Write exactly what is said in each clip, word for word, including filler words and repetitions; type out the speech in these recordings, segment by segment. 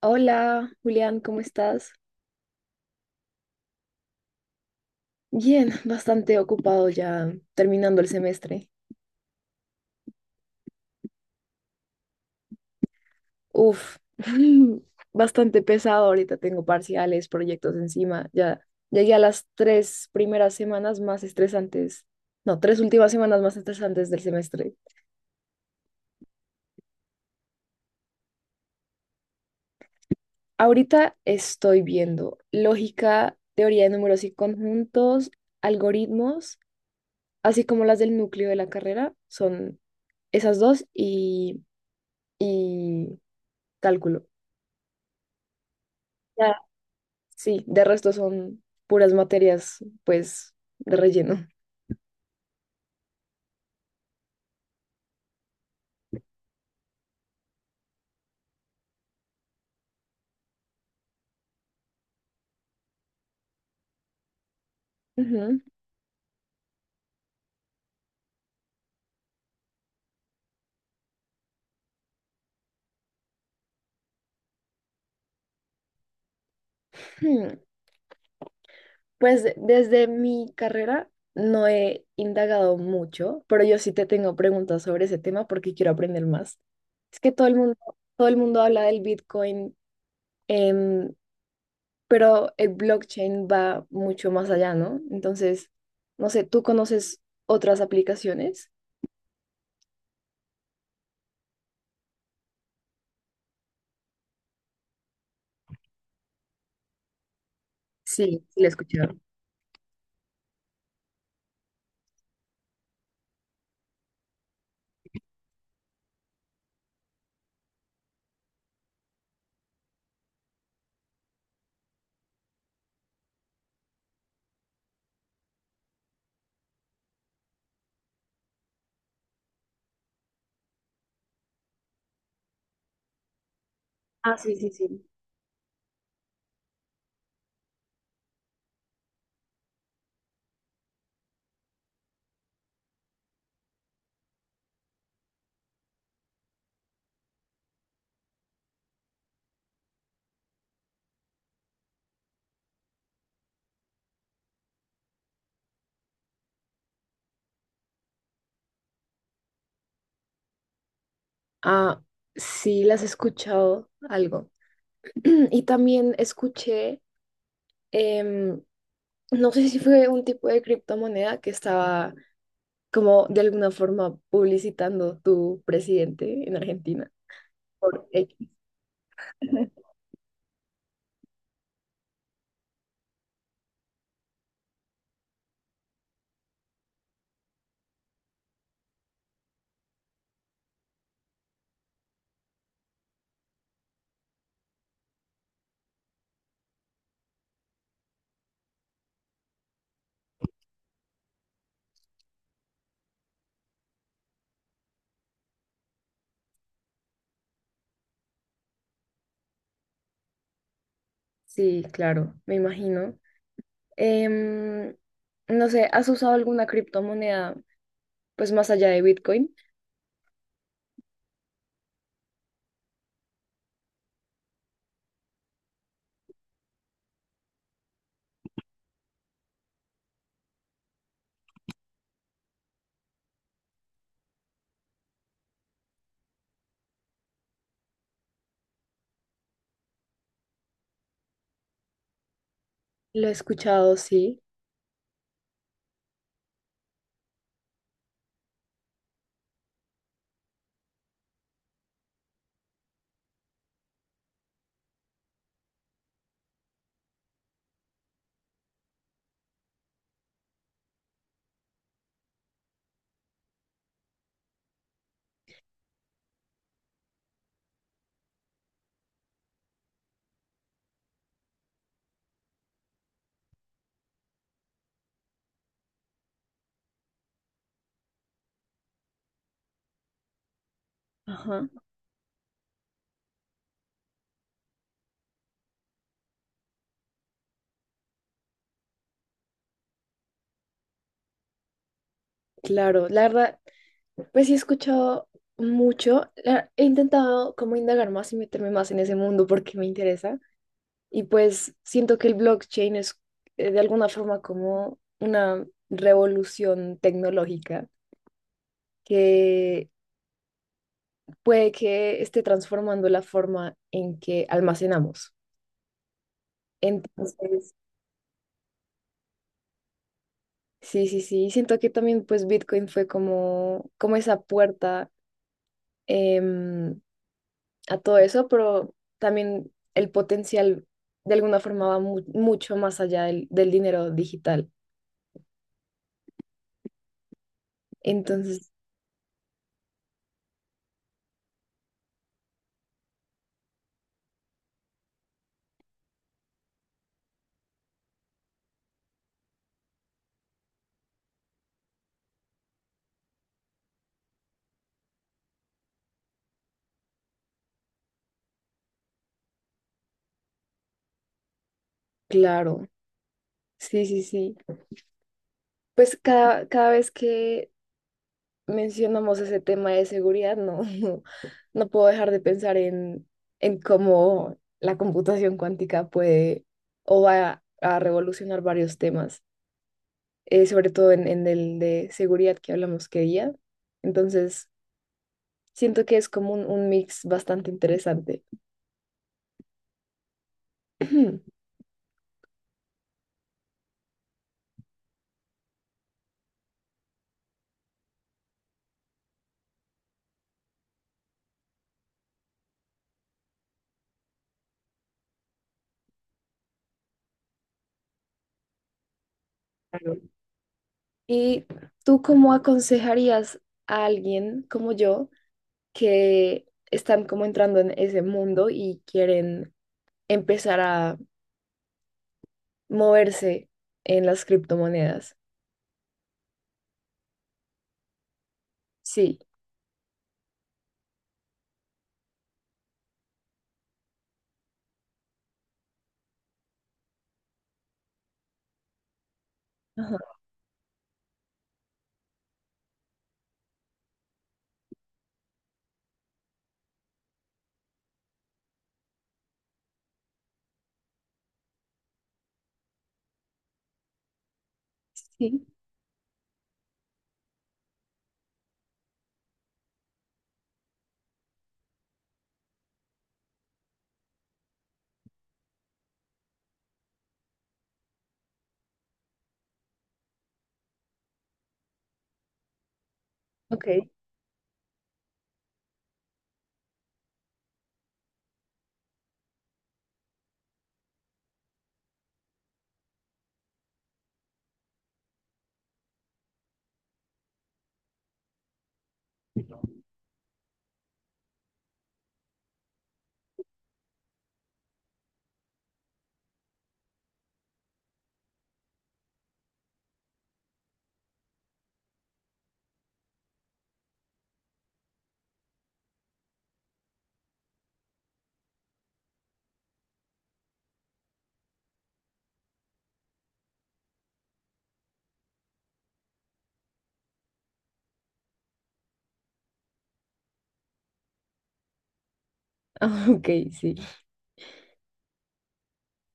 Hola, Julián, ¿cómo estás? Bien, bastante ocupado ya terminando el semestre. Uf, bastante pesado. Ahorita tengo parciales, proyectos encima. Ya llegué a las tres primeras semanas más estresantes. No, tres últimas semanas más estresantes del semestre. Ahorita estoy viendo lógica, teoría de números y conjuntos, algoritmos, así como las del núcleo de la carrera. Son esas dos y, y cálculo. Sí, de resto son puras materias, pues, de relleno. Ujú. Hmm, Pues de- desde mi carrera no he indagado mucho, pero yo sí te tengo preguntas sobre ese tema porque quiero aprender más. Es que todo el mundo, todo el mundo habla del Bitcoin, em, pero el blockchain va mucho más allá, ¿no? Entonces, no sé, ¿tú conoces otras aplicaciones? Sí, sí, la he escuchado. Ah, sí, las he escuchado algo. Y también escuché, em, no sé si fue un tipo de criptomoneda que estaba como de alguna forma publicitando tu presidente en Argentina. Por X. Sí, claro, me imagino. Em, no sé, ¿has usado alguna criptomoneda pues más allá de Bitcoin? Lo he escuchado, sí. Ajá. Claro, la verdad, pues sí he escuchado mucho. La- he intentado como indagar más y meterme más en ese mundo porque me interesa. Y pues siento que el blockchain es eh, de alguna forma como una revolución tecnológica que puede que esté transformando la forma en que almacenamos. Entonces, sí, sí, sí, siento que también pues Bitcoin fue como, como esa puerta, em, a todo eso, pero también el potencial de alguna forma va mu- mucho más allá del del dinero digital. Entonces, claro, sí, sí, sí. Pues cada, cada vez que mencionamos ese tema de seguridad, no, no puedo dejar de pensar en, en cómo la computación cuántica puede o va a revolucionar varios temas, eh, sobre todo en, en el de seguridad que hablamos que día. Entonces, siento que es como un, un mix bastante interesante. Claro. ¿Y tú cómo aconsejarías a alguien como yo que están como entrando en ese mundo y quieren empezar a moverse en las criptomonedas? Sí. Ajá. Sí. Ok. Ah, ok, sí.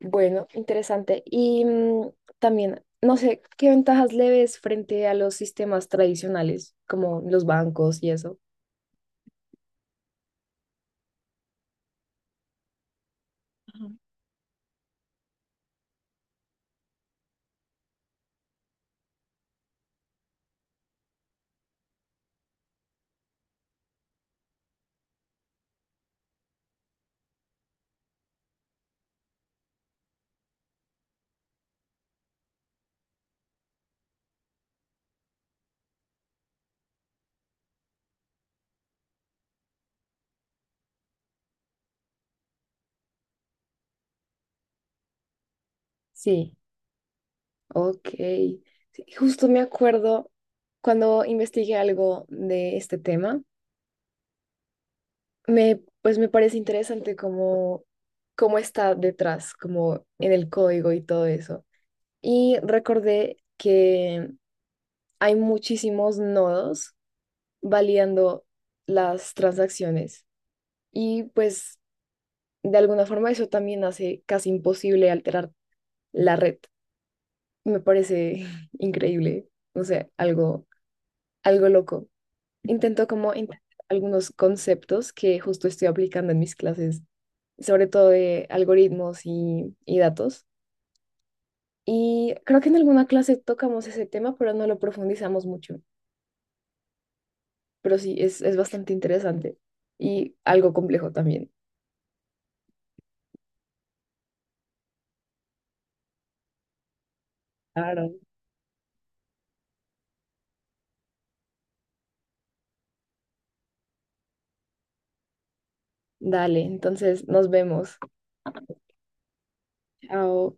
Bueno, interesante. Y mm, también, no sé, ¿qué ventajas le ves frente a los sistemas tradicionales, como los bancos y eso? Sí. Ok. Sí, justo me acuerdo cuando investigué algo de este tema, me, pues me parece interesante cómo, cómo está detrás, como en el código y todo eso. Y recordé que hay muchísimos nodos validando las transacciones y pues de alguna forma eso también hace casi imposible alterar la red. Me parece increíble, no sé, algo, algo loco. Intento como integrar algunos conceptos que justo estoy aplicando en mis clases, sobre todo de algoritmos y, y datos. Y creo que en alguna clase tocamos ese tema, pero no lo profundizamos mucho. Pero sí, es, es bastante interesante y algo complejo también. Claro. Dale, entonces nos vemos. Chao.